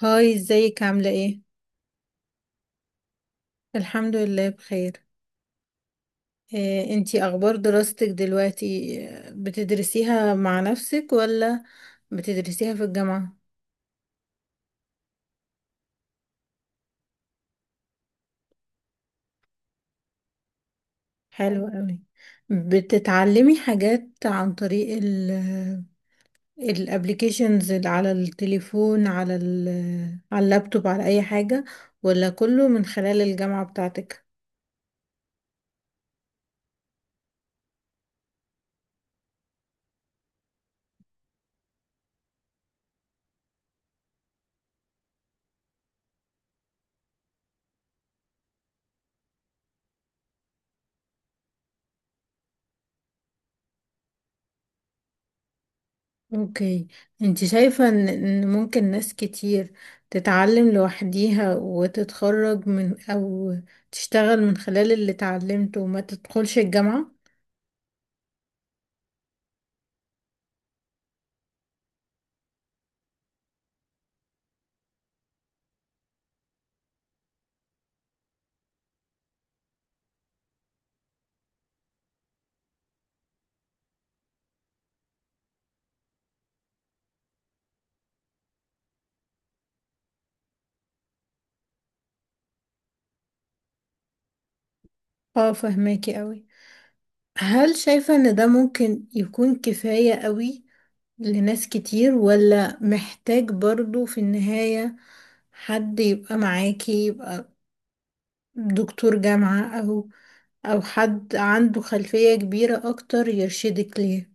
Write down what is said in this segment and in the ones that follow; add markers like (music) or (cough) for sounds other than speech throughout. هاي ازيك عاملة ايه؟ الحمد لله بخير. انتي اخبار دراستك دلوقتي، بتدرسيها مع نفسك ولا بتدرسيها في الجامعة؟ حلو قوي. بتتعلمي حاجات عن طريق الابليكيشنز اللي على التليفون، على ال على اللابتوب، على اي حاجة، ولا كله من خلال الجامعة بتاعتك؟ اوكي. انت شايفة ان ممكن ناس كتير تتعلم لوحديها وتتخرج، من او تشتغل من خلال اللي اتعلمته وما تدخلش الجامعة؟ اه، فهماكي قوي. هل شايفة ان ده ممكن يكون كفاية قوي لناس كتير، ولا محتاج برضو في النهاية حد يبقى معاكي، يبقى دكتور جامعة او حد عنده خلفية كبيرة اكتر يرشدك ليه؟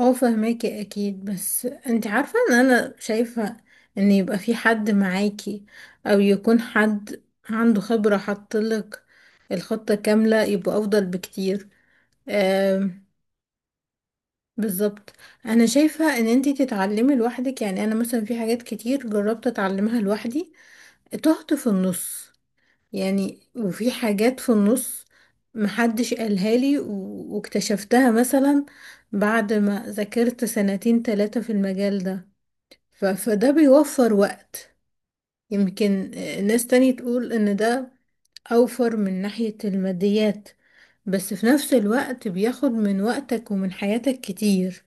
اه، فهماكي اكيد، بس انت عارفة ان انا شايفة ان يبقى في حد معاكي او يكون حد عنده خبرة حطلك الخطة كاملة يبقى افضل بكتير. آم، بالظبط. انا شايفة ان انت تتعلمي لوحدك، يعني انا مثلا في حاجات كتير جربت اتعلمها لوحدي، تهت في النص. يعني وفي حاجات في النص محدش قالها لي واكتشفتها مثلا بعد ما ذاكرت سنتين تلاتة في المجال ده. فده بيوفر وقت. يمكن ناس تاني تقول ان ده اوفر من ناحية الماديات، بس في نفس الوقت بياخد من وقتك ومن حياتك كتير.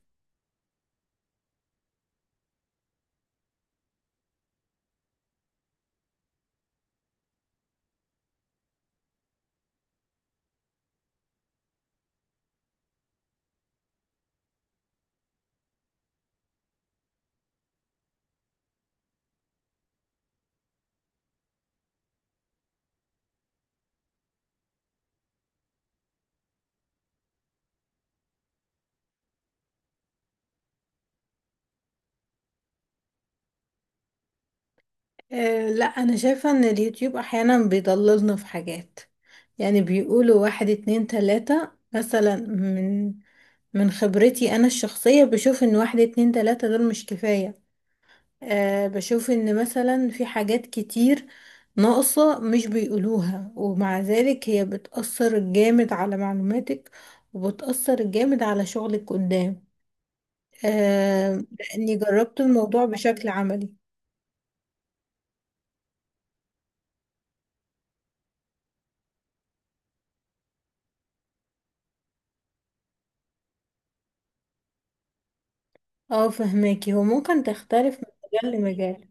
أه لا، انا شايفة ان اليوتيوب احيانا بيضللنا في حاجات. يعني بيقولوا واحد اتنين تلاتة مثلا، من خبرتي انا الشخصية بشوف ان واحد اتنين تلاتة دول مش كفاية. أه بشوف ان مثلا في حاجات كتير ناقصة مش بيقولوها، ومع ذلك هي بتأثر جامد على معلوماتك وبتأثر جامد على شغلك قدام. أه لاني جربت الموضوع بشكل عملي. اه فهماكي، هو ممكن تختلف من مجال لمجال.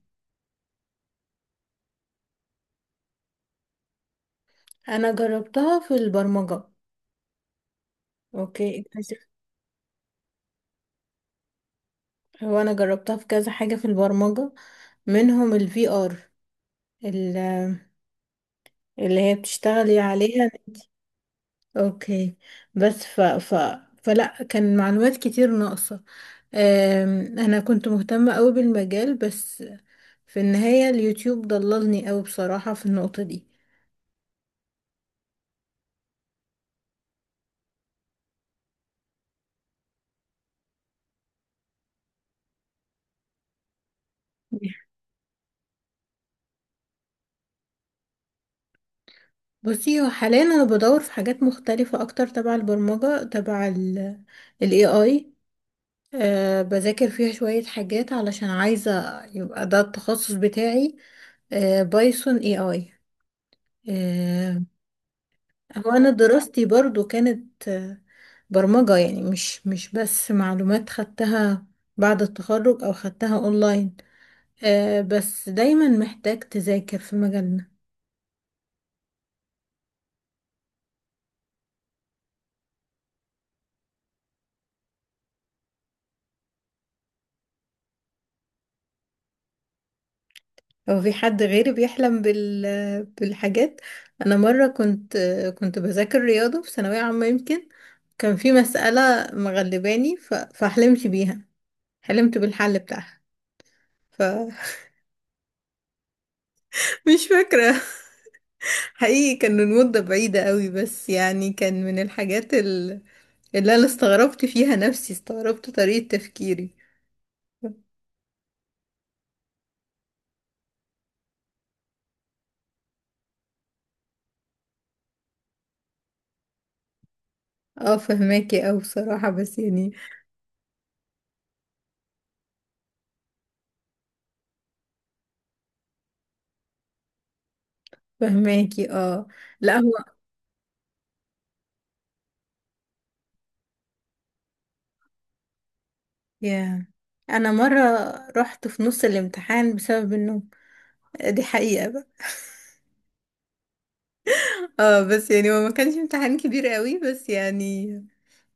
انا جربتها في البرمجة. اوكي، اكتشفت. هو انا جربتها في كذا حاجة في البرمجة، منهم الفي ار اللي هي بتشتغلي عليها. اوكي. بس ف ف فلا كان معلومات كتير ناقصة. انا كنت مهتمة قوي بالمجال، بس في النهاية اليوتيوب ضللني قوي بصراحة في النقطة دي. بصي، هو حاليا انا بدور في حاجات مختلفة اكتر تبع البرمجة، تبع ال AI. أه بذاكر فيها شوية حاجات علشان عايزة يبقى ده التخصص بتاعي. أه، بايثون AI. أه، هو انا دراستي برضو كانت، برمجة. يعني مش بس معلومات خدتها بعد التخرج او خدتها اونلاين. أه بس دايما محتاج تذاكر في مجال. هو في حد غيري بيحلم بالحاجات؟ انا مره كنت بذاكر رياضه في ثانويه عامه. يمكن كان في مساله مغلباني فحلمت بيها، حلمت بالحل بتاعها. ف (laughs) مش فاكره حقيقي، كان المده بعيده قوي، بس يعني كان من الحاجات اللي انا استغربت فيها نفسي، استغربت طريقه تفكيري. اه فهماكي، او بصراحه بس يعني. فهماكي اه. لا هو. يا انا مره رحت في نص الامتحان بسبب النوم، دي حقيقه بقى. (laughs) اه بس يعني هو ما كانش امتحان كبير قوي، بس يعني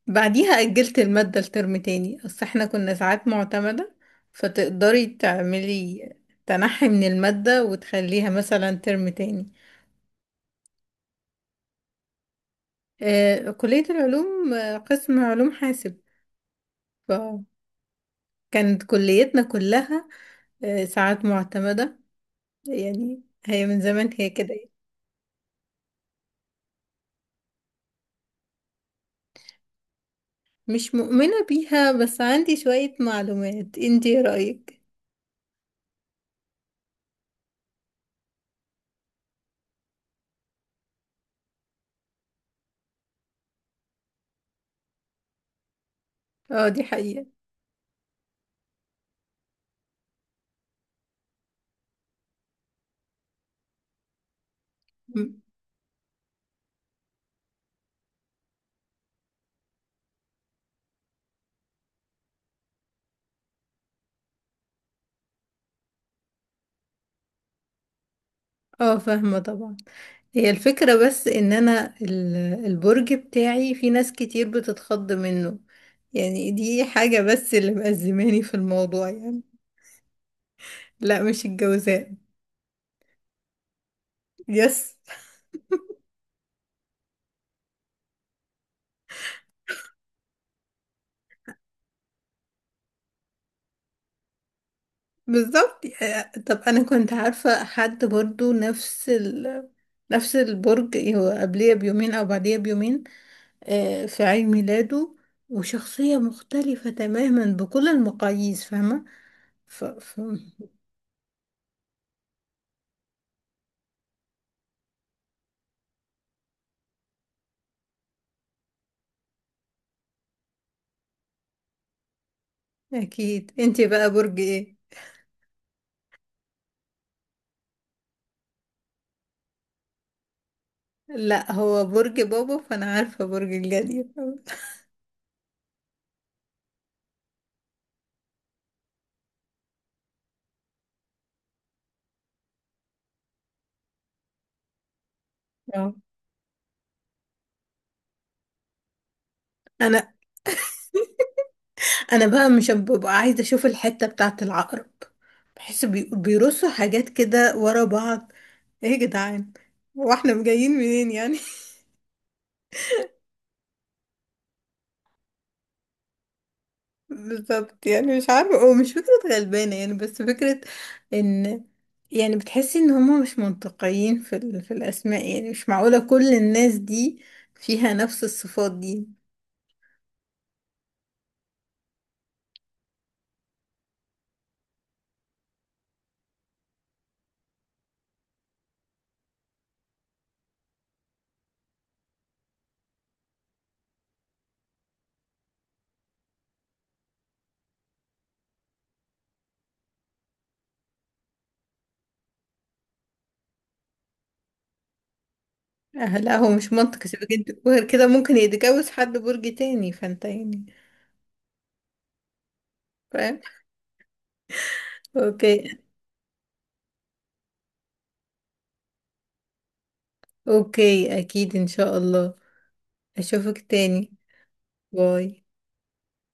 بعديها اجلت الماده لترم تاني، اصل احنا كنا ساعات معتمده. فتقدري تعملي تنحي من الماده وتخليها مثلا ترم تاني. آه، كليه العلوم، قسم علوم حاسب. فكانت كليتنا كلها، ساعات معتمده، يعني هي من زمان هي كده. مش مؤمنة بيها، بس عندي شوية معلومات، انتي ايه رأيك؟ اه دي حقيقة. م- اه فاهمة طبعا. هي الفكرة بس ان انا البرج بتاعي في ناس كتير بتتخض منه، يعني دي حاجة بس اللي مأزماني في الموضوع يعني. لا، مش الجوزاء. يس. بالظبط. طب انا كنت عارفة حد برضو نفس نفس البرج، هو قبليه بيومين او بعديه بيومين، في عيد ميلاده، وشخصية مختلفة تماما بكل المقاييس، فاهمة؟ ف... ف... أكيد. انتي بقى برج ايه؟ لا، هو برج بابا فأنا عارفة برج الجدي. اه. أنا بقى مش ببقى عايزة أشوف الحتة بتاعة العقرب، بحس بيرصوا حاجات كده ورا بعض. ايه يا جدعان، واحنا جايين منين يعني. بالظبط، يعني مش عارفة، ومش فكرة غلبانة يعني، بس فكرة ان، يعني بتحسي ان هما مش منطقيين في في الاسماء، يعني مش معقولة كل الناس دي فيها نفس الصفات دي. آه لا، هو مش منطقي. سيبك انت، وغير كده ممكن يتجوز حد برج تاني فانت يعني. فاهم. اوكي. اوكي، اكيد ان شاء الله. اشوفك تاني. باي.